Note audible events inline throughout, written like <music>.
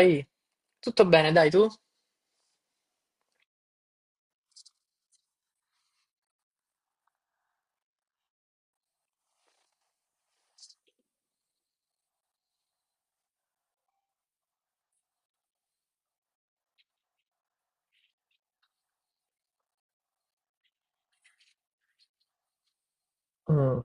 Ehi, tutto bene, dai tu? Mm,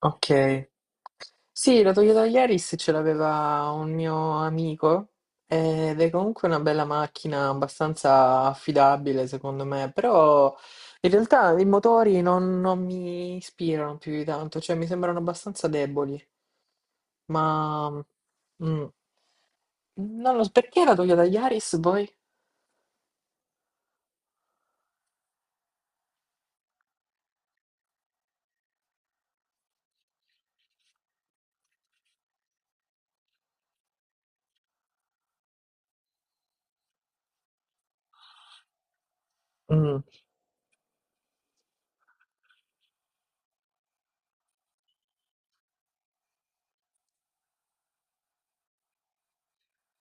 ok. Sì, la Toyota Yaris ce l'aveva un mio amico ed è comunque una bella macchina, abbastanza affidabile secondo me, però in realtà i motori non mi ispirano più di tanto, cioè mi sembrano abbastanza deboli, ma mm, non lo so, perché la Toyota Yaris voi? Mm,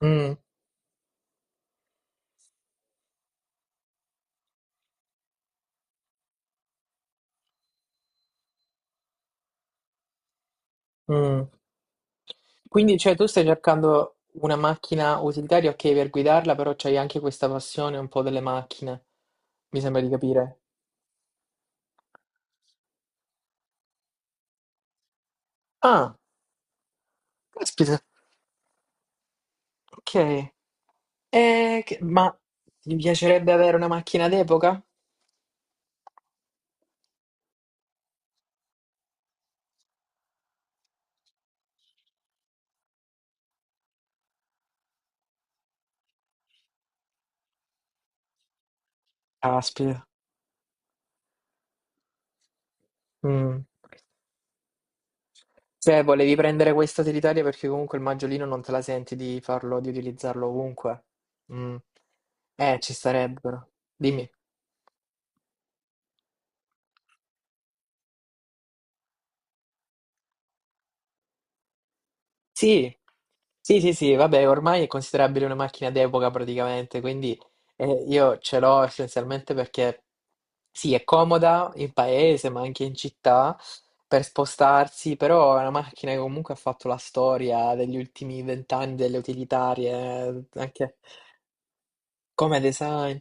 mm, mm. Quindi, cioè, tu stai cercando una macchina utilitaria, ok, per guidarla, però c'hai anche questa passione un po' delle macchine, mi sembra di capire. Ah, caspita, ok. E ma ti piacerebbe avere una macchina d'epoca? Caspita. Mm. Cioè, volevi prendere questa utilitaria perché comunque il maggiolino non te la senti di farlo, di utilizzarlo ovunque. Mm. Ci starebbero. Dimmi. Sì, sì, sì, sì, vabbè, ormai è considerabile una macchina d'epoca praticamente, quindi io ce l'ho essenzialmente perché sì, è comoda in paese, ma anche in città per spostarsi, però è una macchina che comunque ha fatto la storia degli ultimi vent'anni delle utilitarie, anche come design.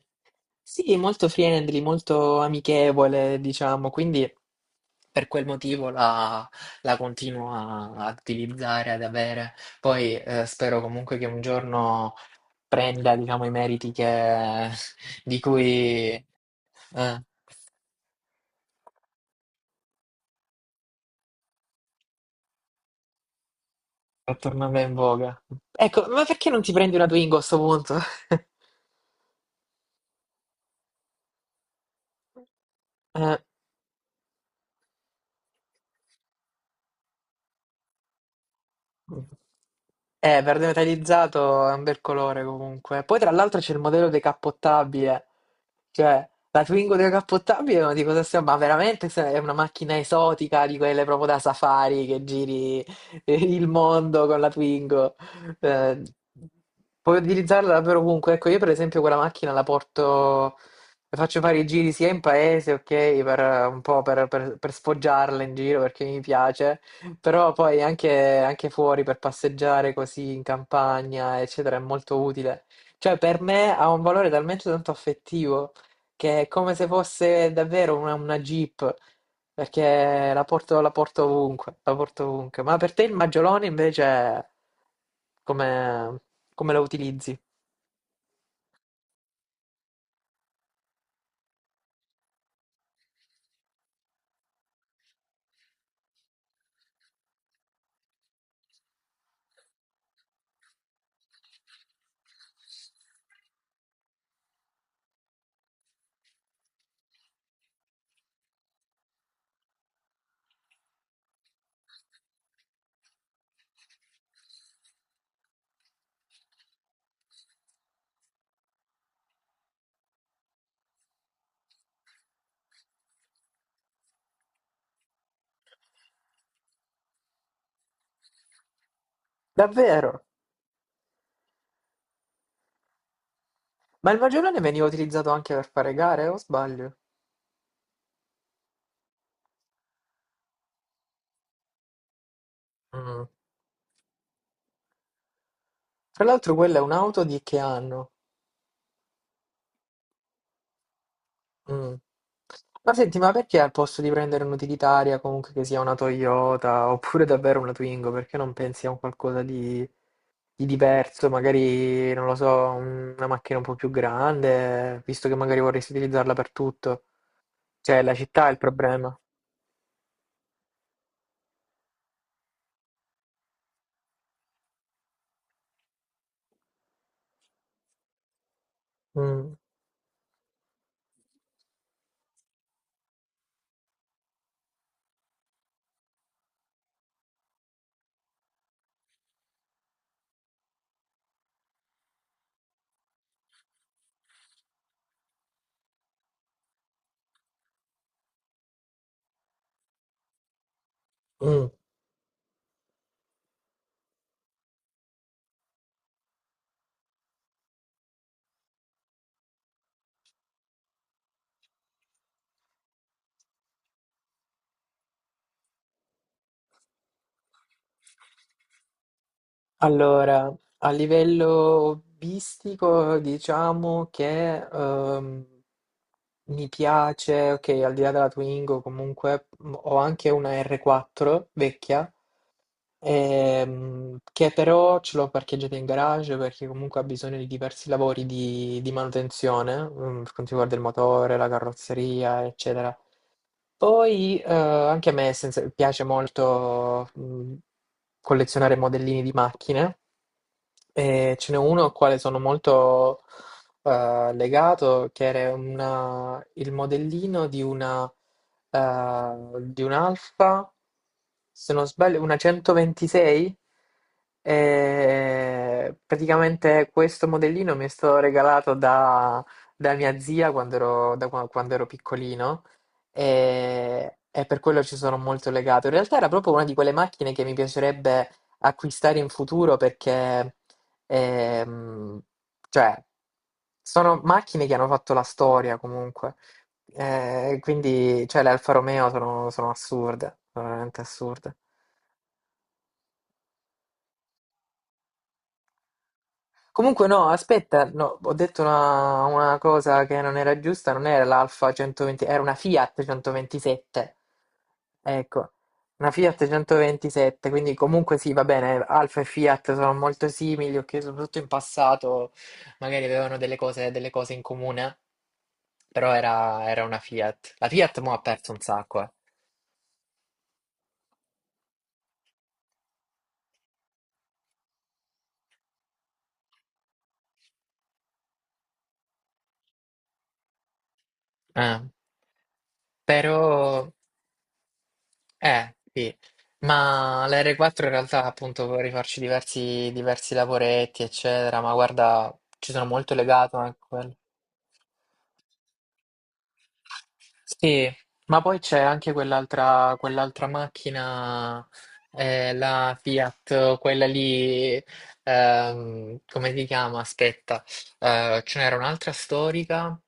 Sì, molto friendly, molto amichevole, diciamo, quindi. Per quel motivo la continuo a utilizzare, ad avere. Poi spero comunque che un giorno prenda, diciamo, i meriti <laughs> di cui è tornata in voga. Ecco, ma perché non ti prendi una Twingo a sto punto? <laughs> Eh, verde metallizzato è un bel colore comunque. Poi tra l'altro c'è il modello decappottabile. Cioè, la Twingo decappottabile, ma di cosa stiamo? Ma veramente è una macchina esotica di quelle proprio da safari che giri <laughs> il mondo con la Twingo. Eh, puoi utilizzarla davvero ovunque. Ecco, io per esempio quella macchina la porto, le faccio fare i giri sia in paese, ok, per un po' per sfoggiarla in giro perché mi piace, però poi anche fuori per passeggiare così in campagna, eccetera, è molto utile. Cioè, per me ha un valore talmente tanto affettivo che è come se fosse davvero una Jeep, perché la porto ovunque, la porto ovunque. Ma per te il maggiolone invece come, come lo utilizzi? Davvero? Ma il maggiolone veniva utilizzato anche per fare gare, o sbaglio? Mm. Tra l'altro quella è un'auto di che anno? Mm. Ma senti, ma perché al posto di prendere un'utilitaria comunque che sia una Toyota oppure davvero una Twingo, perché non pensi a un qualcosa di diverso, magari, non lo so, una macchina un po' più grande, visto che magari vorresti utilizzarla per tutto? Cioè, la città è il problema. Mm, mm. Allora, a livello hobbistico, diciamo che mi piace, ok, al di là della Twingo, comunque ho anche una R4 vecchia, che però ce l'ho parcheggiata in garage perché comunque ha bisogno di diversi lavori di manutenzione, per quanto riguarda il motore, la carrozzeria, eccetera. Poi anche a me piace molto collezionare modellini di macchine. E ce n'è uno al quale sono molto legato, che era il modellino eh, di un'Alfa, se non sbaglio, una 126. E praticamente questo modellino mi è stato regalato da mia zia quando ero piccolino e per quello ci sono molto legato. In realtà era proprio una di quelle macchine che mi piacerebbe acquistare in futuro perché Ehm, cioè, sono macchine che hanno fatto la storia comunque. Quindi, cioè, le Alfa Romeo sono assurde, sono veramente assurde. Comunque, no, aspetta, no, ho detto una cosa che non era giusta, non era l'Alfa 120, era una Fiat 127. Ecco, una Fiat 127, quindi comunque sì, va bene, Alfa e Fiat sono molto simili, ok, soprattutto in passato magari avevano delle cose in comune. Però era una Fiat. La Fiat mo' ha perso un sacco, eh. Eh, però, sì. Ma la R4 in realtà appunto può rifarci diversi lavoretti, eccetera, ma guarda, ci sono molto legato anche a quello. Sì, ma poi c'è anche quell'altra macchina, la Fiat, quella lì, come si chiama? Aspetta, ce n'era un'altra storica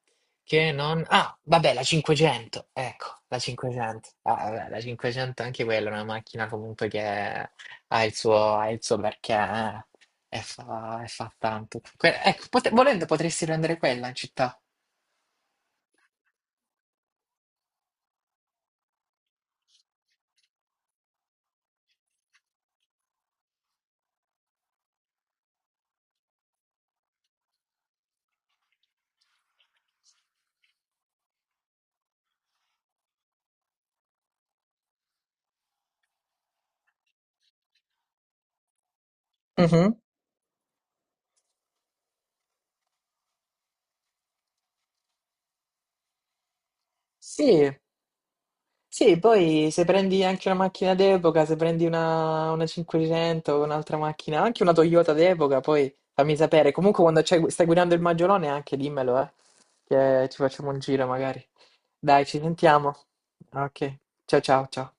che non... Ah, vabbè, la 500, ecco, la 500. Ah, vabbè, la 500 anche quella è una macchina comunque che ha il suo perché, e fa tanto. Ecco, volendo potresti prendere quella in città. Mhm. Sì, sì, poi se prendi anche una macchina d'epoca, se prendi una 500, un'altra macchina, anche una Toyota d'epoca, poi fammi sapere. Comunque quando stai guidando il Maggiolone anche dimmelo, che ci facciamo un giro magari. Dai, ci sentiamo. Ok, ciao ciao ciao.